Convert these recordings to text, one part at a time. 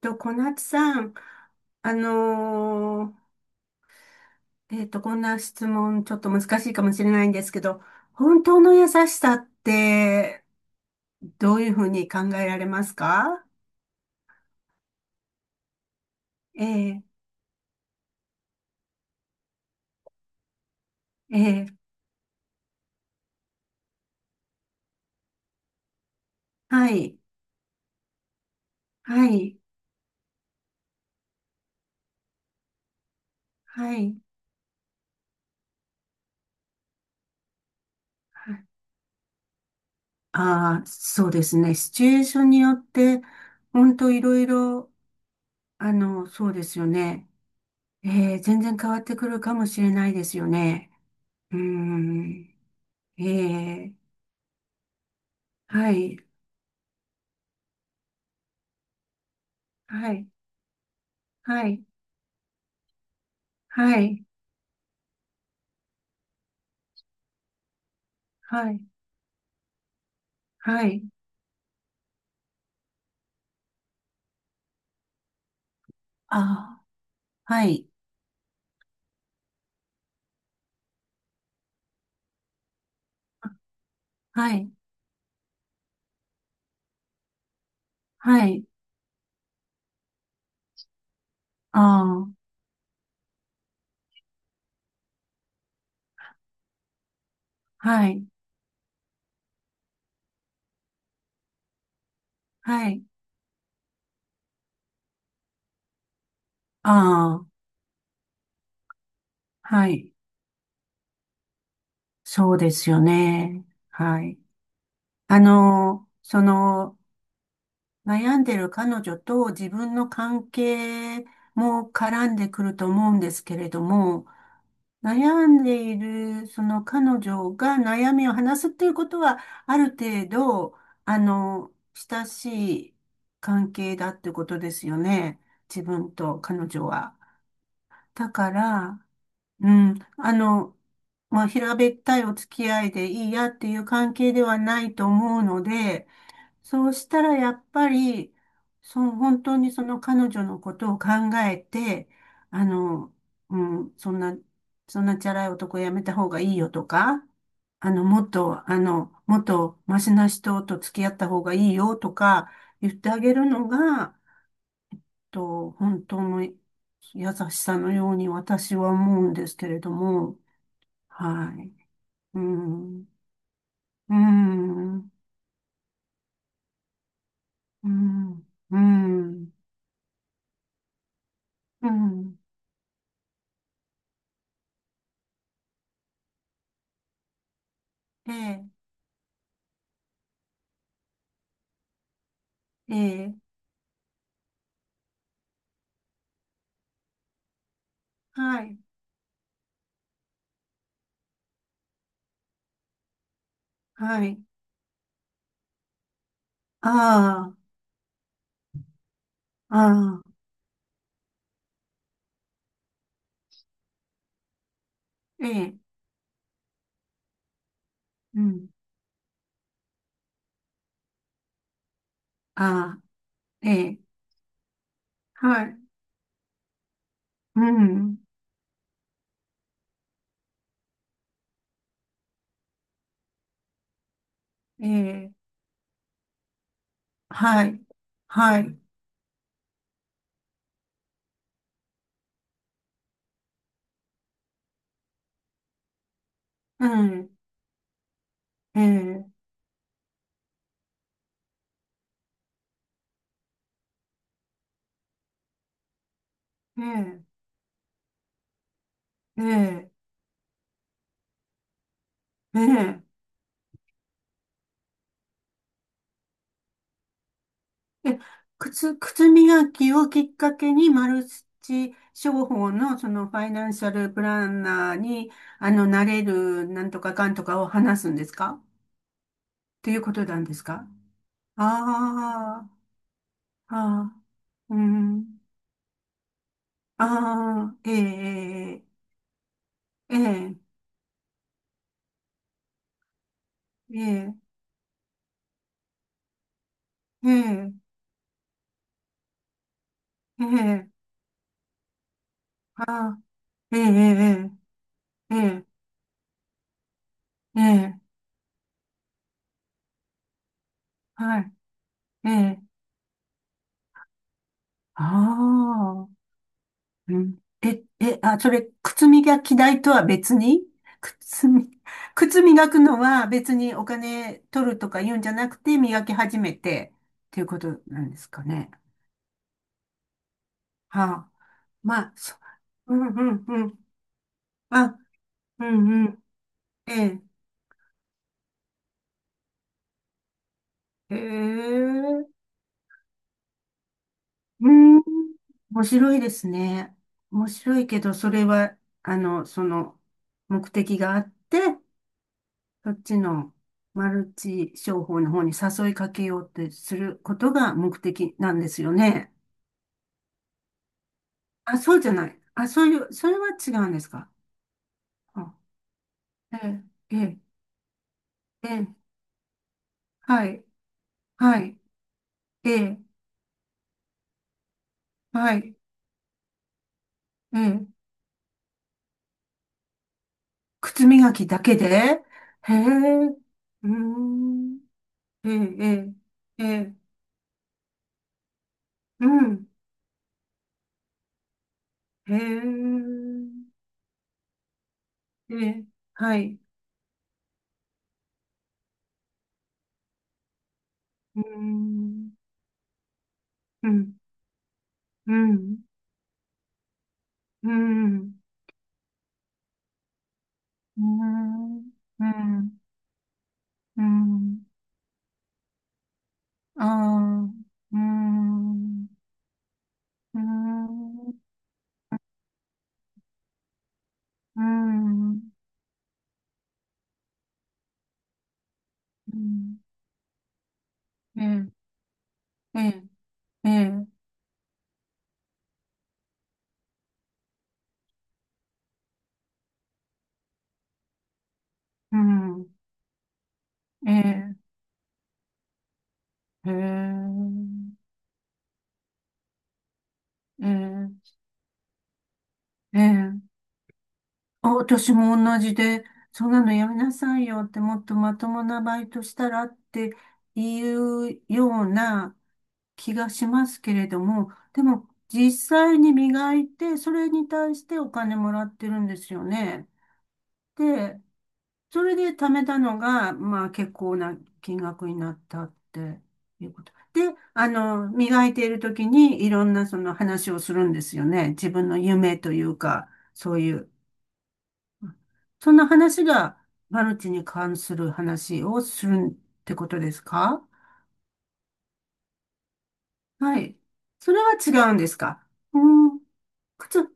と、小夏さん、あのこんな質問、ちょっと難しいかもしれないんですけど、本当の優しさって、どういうふうに考えられますか？ええ、ええ、はい、はい、はい。ああ、そうですね。シチュエーションによって、本当いろいろ、そうですよね。ええ、全然変わってくるかもしれないですよね。うーん、ええ、はい、はい。はい、はい、はい、はい。ああ、はい、はい、はい、ああ、はい、はい、ああ、はい。そうですよね。はい。あの、その、悩んでる彼女と自分の関係も絡んでくると思うんですけれども、悩んでいる、その彼女が悩みを話すっていうことは、ある程度、あの、親しい関係だってことですよね。自分と彼女は。だから、うん、まあ、平べったいお付き合いでいいやっていう関係ではないと思うので、そうしたらやっぱり、そう、本当にその彼女のことを考えて、あの、うん、そんなチャラい男やめた方がいいよとか、もっと、もっとマシな人と付き合った方がいいよとか言ってあげるのが、本当の優しさのように私は思うんですけれども、はい。うん、うん、うん、うん、うん。ええええ、はい、はい。ああ、ああ、ええ、うん、ああ、ええ、はい、うん、ええ、はい、はい、うん、ええ、ええ、ええ、ええ、え靴磨きをきっかけにマルチ商法のそのファイナンシャルプランナーに、なれるなんとかかんとかを話すんですかっていうことなんですか？ああ、ああ、うん。ああ、ええ、ええ、ええ、ええ、ええ、ああ、ええ、ええ、ええ、ええ、はい、ええ、ああ、うん。え、え、あ、それ、靴磨き代とは別に靴み、靴磨くのは別にお金取るとか言うんじゃなくて、磨き始めて、っていうことなんですかね。はあ、まあ、そ、うん、うん、うん。あ、うん、うん。ええ、へえ、うーん、面白いですね。面白いけど、それは、あの、その、目的があって、そっちのマルチ商法の方に誘いかけようってすることが目的なんですよね。あ、そうじゃない。あ、そういう、それは違うんですか。あ、ええ、ええ、ええ、はい、はい、ええ、はい、ええ、靴磨きだけで、へえ、うーん、ええ、ええ、ええ、うん。へえ、ええ、はい。うーん、うん、うん、うん、うーん、うん、うん、ああ、うーん、うーん、うーん、うん、ええ、ええ、ええ、うん、ええ、へえ、ええ、ええ、あ、私も同じで、そんなのやめなさいよって、もっとまともなバイトしたらっていうような気がしますけれども、でも実際に磨いて、それに対してお金もらってるんですよね。で、それで貯めたのが、まあ結構な金額になったっていうこと。で、磨いている時にいろんなその話をするんですよね。自分の夢というか、そういう。そんな話がマルチに関する話をするってことですか？はい。それは違うんですか？うん。靴、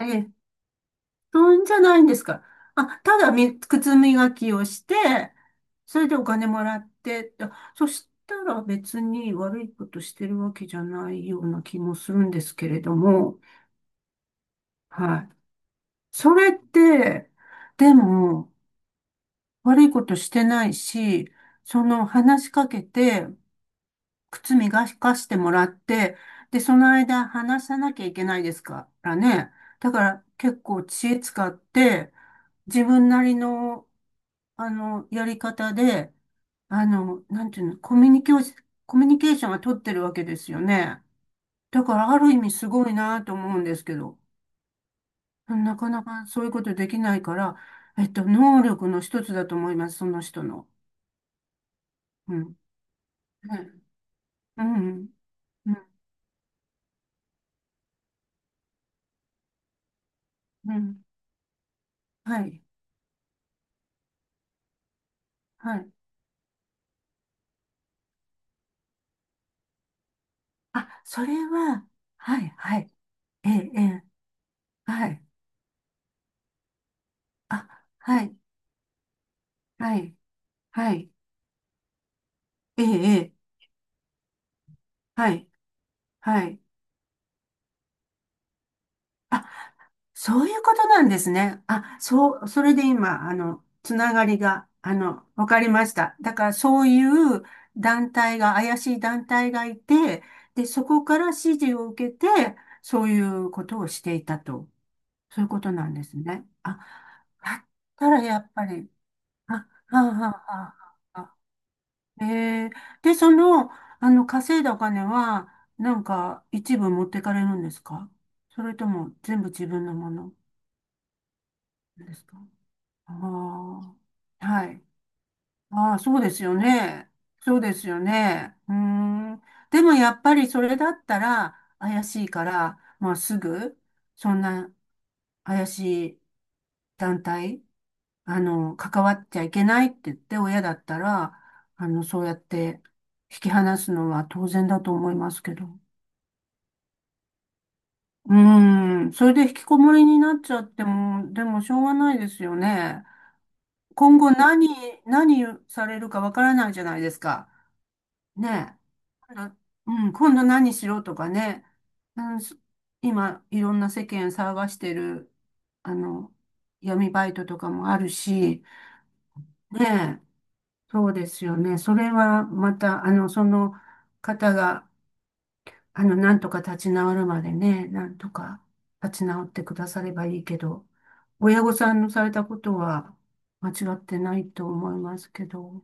ええ、そうんじゃないんですか？あ、ただみ、靴磨きをして、それでお金もらって、あそしたら別に悪いことしてるわけじゃないような気もするんですけれども、はい。それって、でも、悪いことしてないし、その話しかけて、靴磨かしてもらって、で、その間話さなきゃいけないですからね。だから結構知恵使って、自分なりの、やり方で、なんていうの、コミュニケーション、コミュニケーションは取ってるわけですよね。だからある意味すごいなと思うんですけど、なかなかそういうことできないから、能力の一つだと思います、その人の。うん。ね、うん。うん。うん。はい。はい。あ、それは、はい、はい、ええ、ええ、はい、あ、はい、はい、はい、ええ、ええ、はい、はい。あ、そういうことなんですね。あ、そう、それで今、つながりが、わかりました。だから、そういう団体が、怪しい団体がいて、で、そこから指示を受けて、そういうことをしていたと。そういうことなんですね。あ、だったら、やっぱり、あ、あ、あ、あ、ああ、ええ、で、その、稼いだお金は、なんか、一部持ってかれるんですか？それとも、全部自分のものですか？ああ、はい。ああ、そうですよね。そうですよね。うーん。でも、やっぱり、それだったら、怪しいから、まあ、すぐ、そんな、怪しい団体関わっちゃいけないって言って親だったら、そうやって引き離すのは当然だと思いますけど。うーん、それで引きこもりになっちゃっても、でもしょうがないですよね。今後何されるかわからないじゃないですか。ねえ。あのうん、今度何しろとかね。うん、今、いろんな世間騒がしてる、あの、闇バイトとかもあるし、ねえ。そうですよね。それはまた、その方が、なんとか立ち直るまでね、なんとか立ち直ってくださればいいけど、親御さんのされたことは間違ってないと思いますけど。